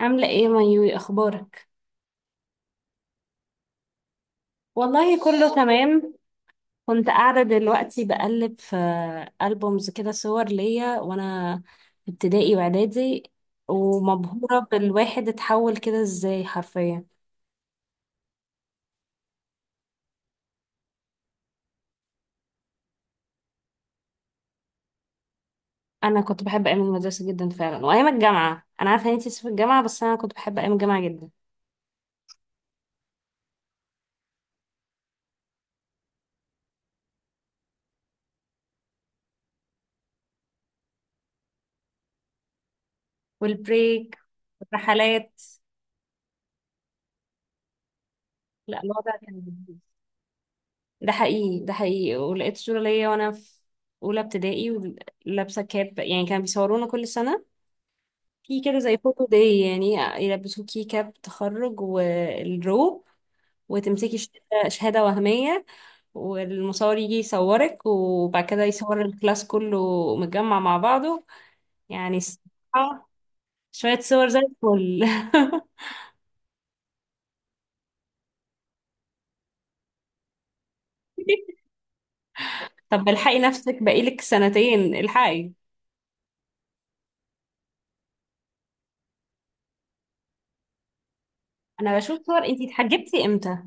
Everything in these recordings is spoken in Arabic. عاملة ايه مايوي اخبارك؟ والله كله تمام. كنت قاعدة دلوقتي بقلب في ألبومز كده، صور ليا وانا في ابتدائي واعدادي، ومبهورة بالواحد اتحول كده ازاي حرفيا. انا كنت بحب ايام المدرسة جدا فعلا، وايام الجامعة، انا عارفة ان انتي في الجامعة، بس انا كنت بحب ايام الجامعة جدا. والبريك. والرحلات. لا الوضع كان لذيذ. ده حقيقي، ده حقيقي. ولقيت صورة ليا وانا في أولى ابتدائي ولابسة كاب. يعني كانوا بيصورونا كل سنة في كده زي فوتو داي يعني، يلبسوكي كاب تخرج والروب، وتمسكي شهادة وهمية، والمصور يجي يصورك وبعد كده يصور الكلاس كله متجمع مع بعضه. يعني الصراحة شوية صور زي الفل. طب الحقي نفسك، بقالك سنتين الحقي. انا بشوف صور، انتي اتحجبتي امتى؟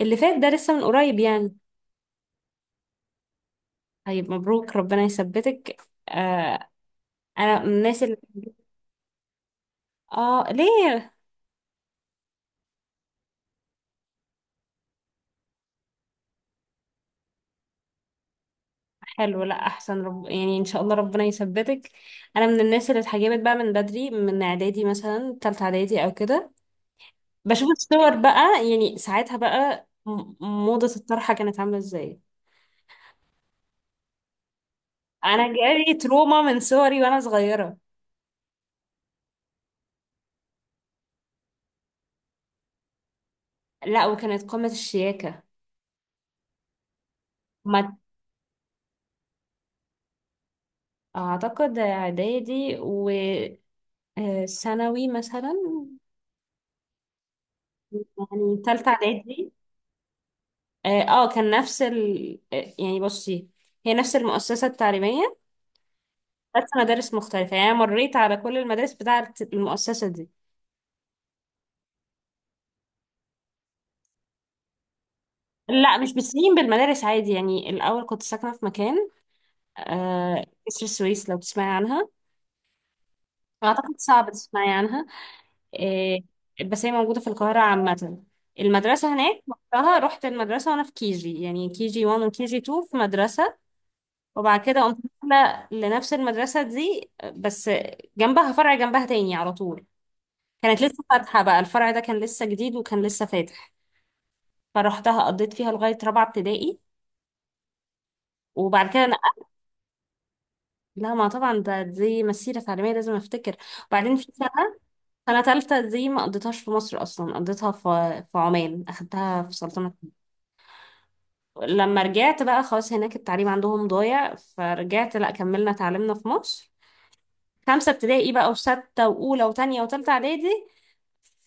اللي فات ده، لسه من قريب يعني. طيب مبروك، ربنا يثبتك. آه انا من الناس اللي، اه ليه؟ حلو، لا احسن، يعني ان شاء الله ربنا يثبتك. انا من الناس اللي اتحجبت بقى من بدري، من اعدادي، مثلا تالتة اعدادي او كده. بشوف الصور بقى يعني ساعتها بقى موضة الطرحة كانت عاملة ازاي. انا جالي تروما من صوري وانا صغيرة. لا وكانت قمة الشياكة. ما اعتقد اعدادي و آه، ثانوي مثلا. يعني تالتة اعدادي. اه آه، كان نفس آه، يعني بصي، هي نفس المؤسسة التعليمية، بس مدارس مختلفة. يعني أنا مريت على كل المدارس بتاعة المؤسسة دي. لا مش بالسنين، بالمدارس. عادي يعني، الأول كنت ساكنة في مكان آه، كسر السويس لو تسمعي عنها. أعتقد صعب تسمعي عنها آه، بس هي موجودة في القاهرة عامة. المدرسة هناك وقتها، رحت المدرسة وأنا في كي جي، يعني كي جي 1 وكي جي 2 في مدرسة. وبعد كده قمت نقلة لنفس المدرسة دي آه، بس جنبها، فرع جنبها تاني على طول. كانت لسه فاتحة بقى، الفرع ده كان لسه جديد وكان لسه فاتح. فروحتها، قضيت فيها لغاية رابعة ابتدائي، وبعد كده نقلت. لا ما طبعا ده، دي مسيرة تعليمية لازم افتكر. وبعدين في سنة، سنة تالتة دي ما قضيتهاش في مصر أصلا، قضيتها في عمان، أخدتها في سلطنة. لما رجعت بقى، خلاص هناك التعليم عندهم ضايع، فرجعت لا، كملنا تعليمنا في مصر. خمسة ابتدائي بقى وستة وأولى وتانية وتالتة إعدادي.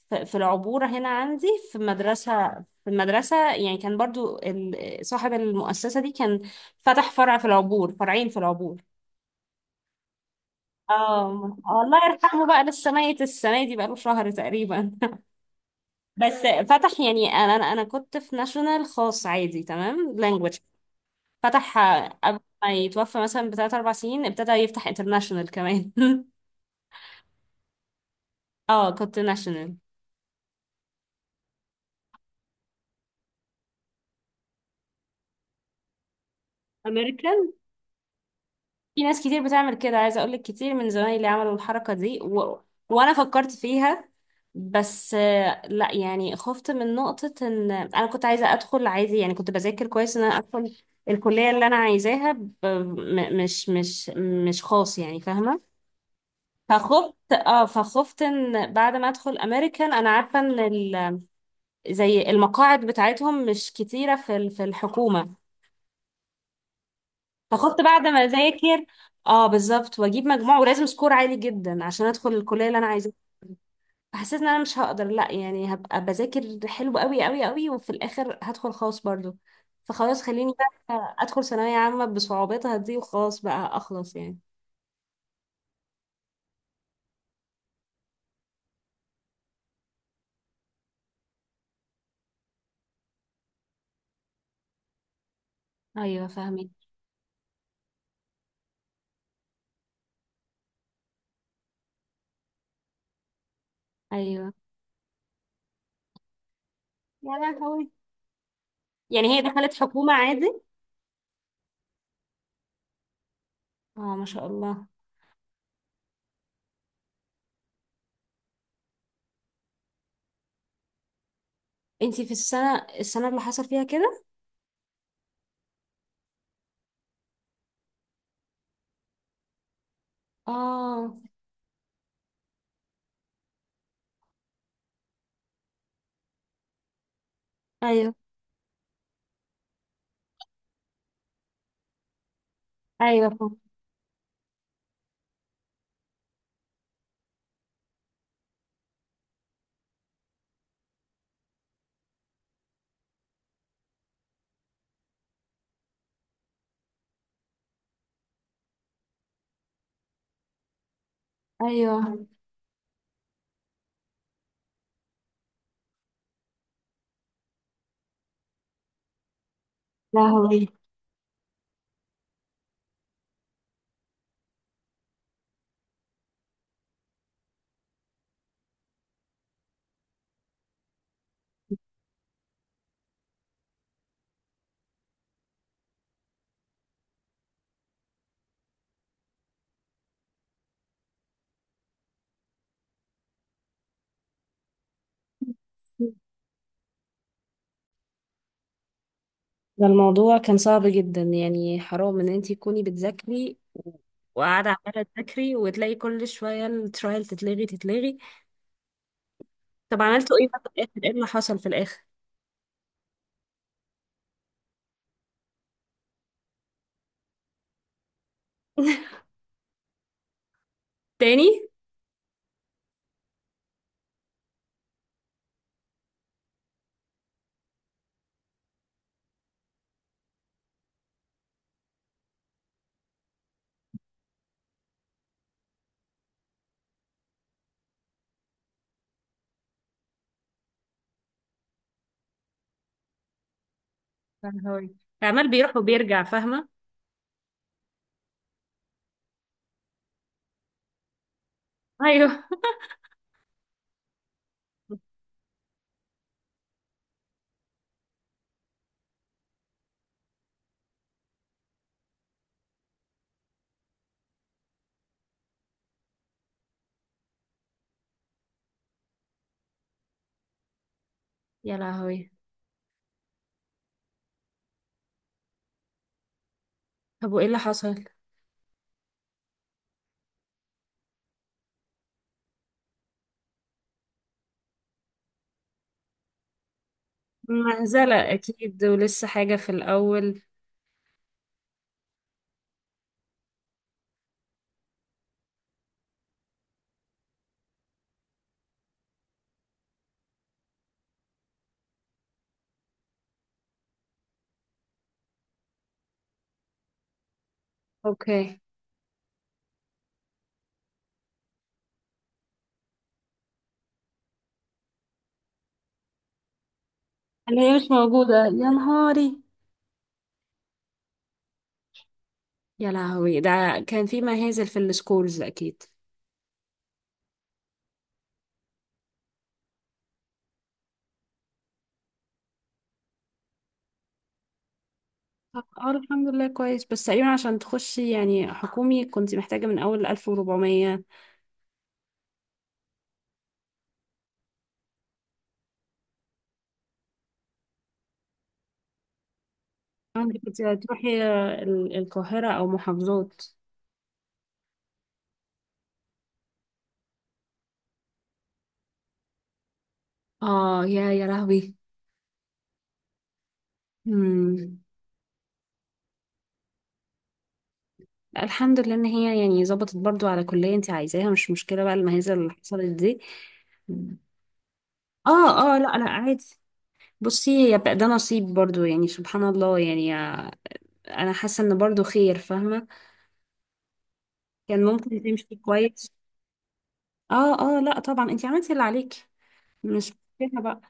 في العبورة هنا عندي، في مدرسة. في المدرسة يعني كان برضو صاحب المؤسسة دي كان فتح فرع في العبور، فرعين في العبور. اه الله يرحمه بقى، لسه ميت السنة دي، بقاله شهر تقريبا. بس فتح يعني انا انا أنا كنت في ناشونال خاص عادي تمام، لانجوج. فتح قبل ما يتوفى مثلا بثلاث اربع سنين، ابتدى يفتح انترناشونال كمان. اه كنت ناشونال. امريكا. في ناس كتير بتعمل كده، عايزة اقولك كتير من زمايلي عملوا الحركة دي و... وانا فكرت فيها. بس آه، لا يعني خفت من نقطة ان انا كنت عايزة ادخل عادي، يعني كنت بذاكر كويس ان انا ادخل الكلية اللي انا عايزاها مش خاص، يعني فاهمة. فخفت، اه فخفت ان بعد ما ادخل امريكان انا عارفة ان زي المقاعد بتاعتهم مش كتيرة في في الحكومة. فخفت بعد ما اذاكر، اه بالظبط، واجيب مجموع، ولازم سكور عالي جدا عشان ادخل الكليه اللي انا عايزاها. فحسيت ان انا مش هقدر، لا يعني هبقى بذاكر حلو قوي قوي قوي وفي الاخر هدخل خاص برضو. فخلاص خليني بقى ادخل ثانويه عامه بصعوباتها دي، وخلاص بقى اخلص يعني. ايوه فاهمك. ايوه. يا لهوي. يعني هي دخلت حكومه عادي؟ اه ما شاء الله. انتي في السنه، السنه اللي حصل فيها كده؟ اه. ايوه. ايوه فاهمة. ايوه. لهوي، ده الموضوع كان صعب جدا يعني. حرام ان انتي تكوني بتذاكري وقاعدة عمالة تذاكري وتلاقي كل شوية الترايل تتلغي تتلغي. طب عملتوا ايه بقى في الاخر، ايه اللي حصل في الاخر؟ تاني؟ يا لهوي، عمال بيروح وبيرجع، فاهمة. ايوه. يا لهوي. طب وايه اللي حصل؟ مهزلة اكيد، ولسه حاجة في الاول. اوكي. اللي هي مش موجودة؟ يا نهاري! يا لهوي، ده كان في مهازل في السكولز اكيد. اه الحمد لله كويس، بس تقريبا عشان تخشي يعني حكومي كنت محتاجة من أول 1,400. عندك كنت هتروحي القاهرة أو محافظات؟ اه. يا يا لهوي. مم. الحمد لله إن هي يعني ظبطت برضو على كلية انت عايزاها، مش مشكلة بقى المهزة اللي حصلت دي. اه. اه لا لا عادي. بصي هي بقى ده نصيب برضو، يعني سبحان الله، يعني آه، انا حاسه ان برضو خير، فاهمه. كان ممكن تمشي كويس. اه اه لا طبعا، انت عملتي اللي عليك، مش فيها بقى.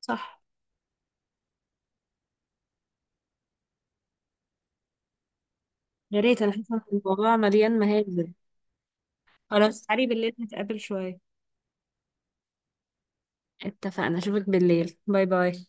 صح. يا ريت، انا حاسه ان الموضوع مليان مهازل. خلاص تعالي بالليل نتقابل شوية. اتفقنا، اشوفك بالليل، باي باي.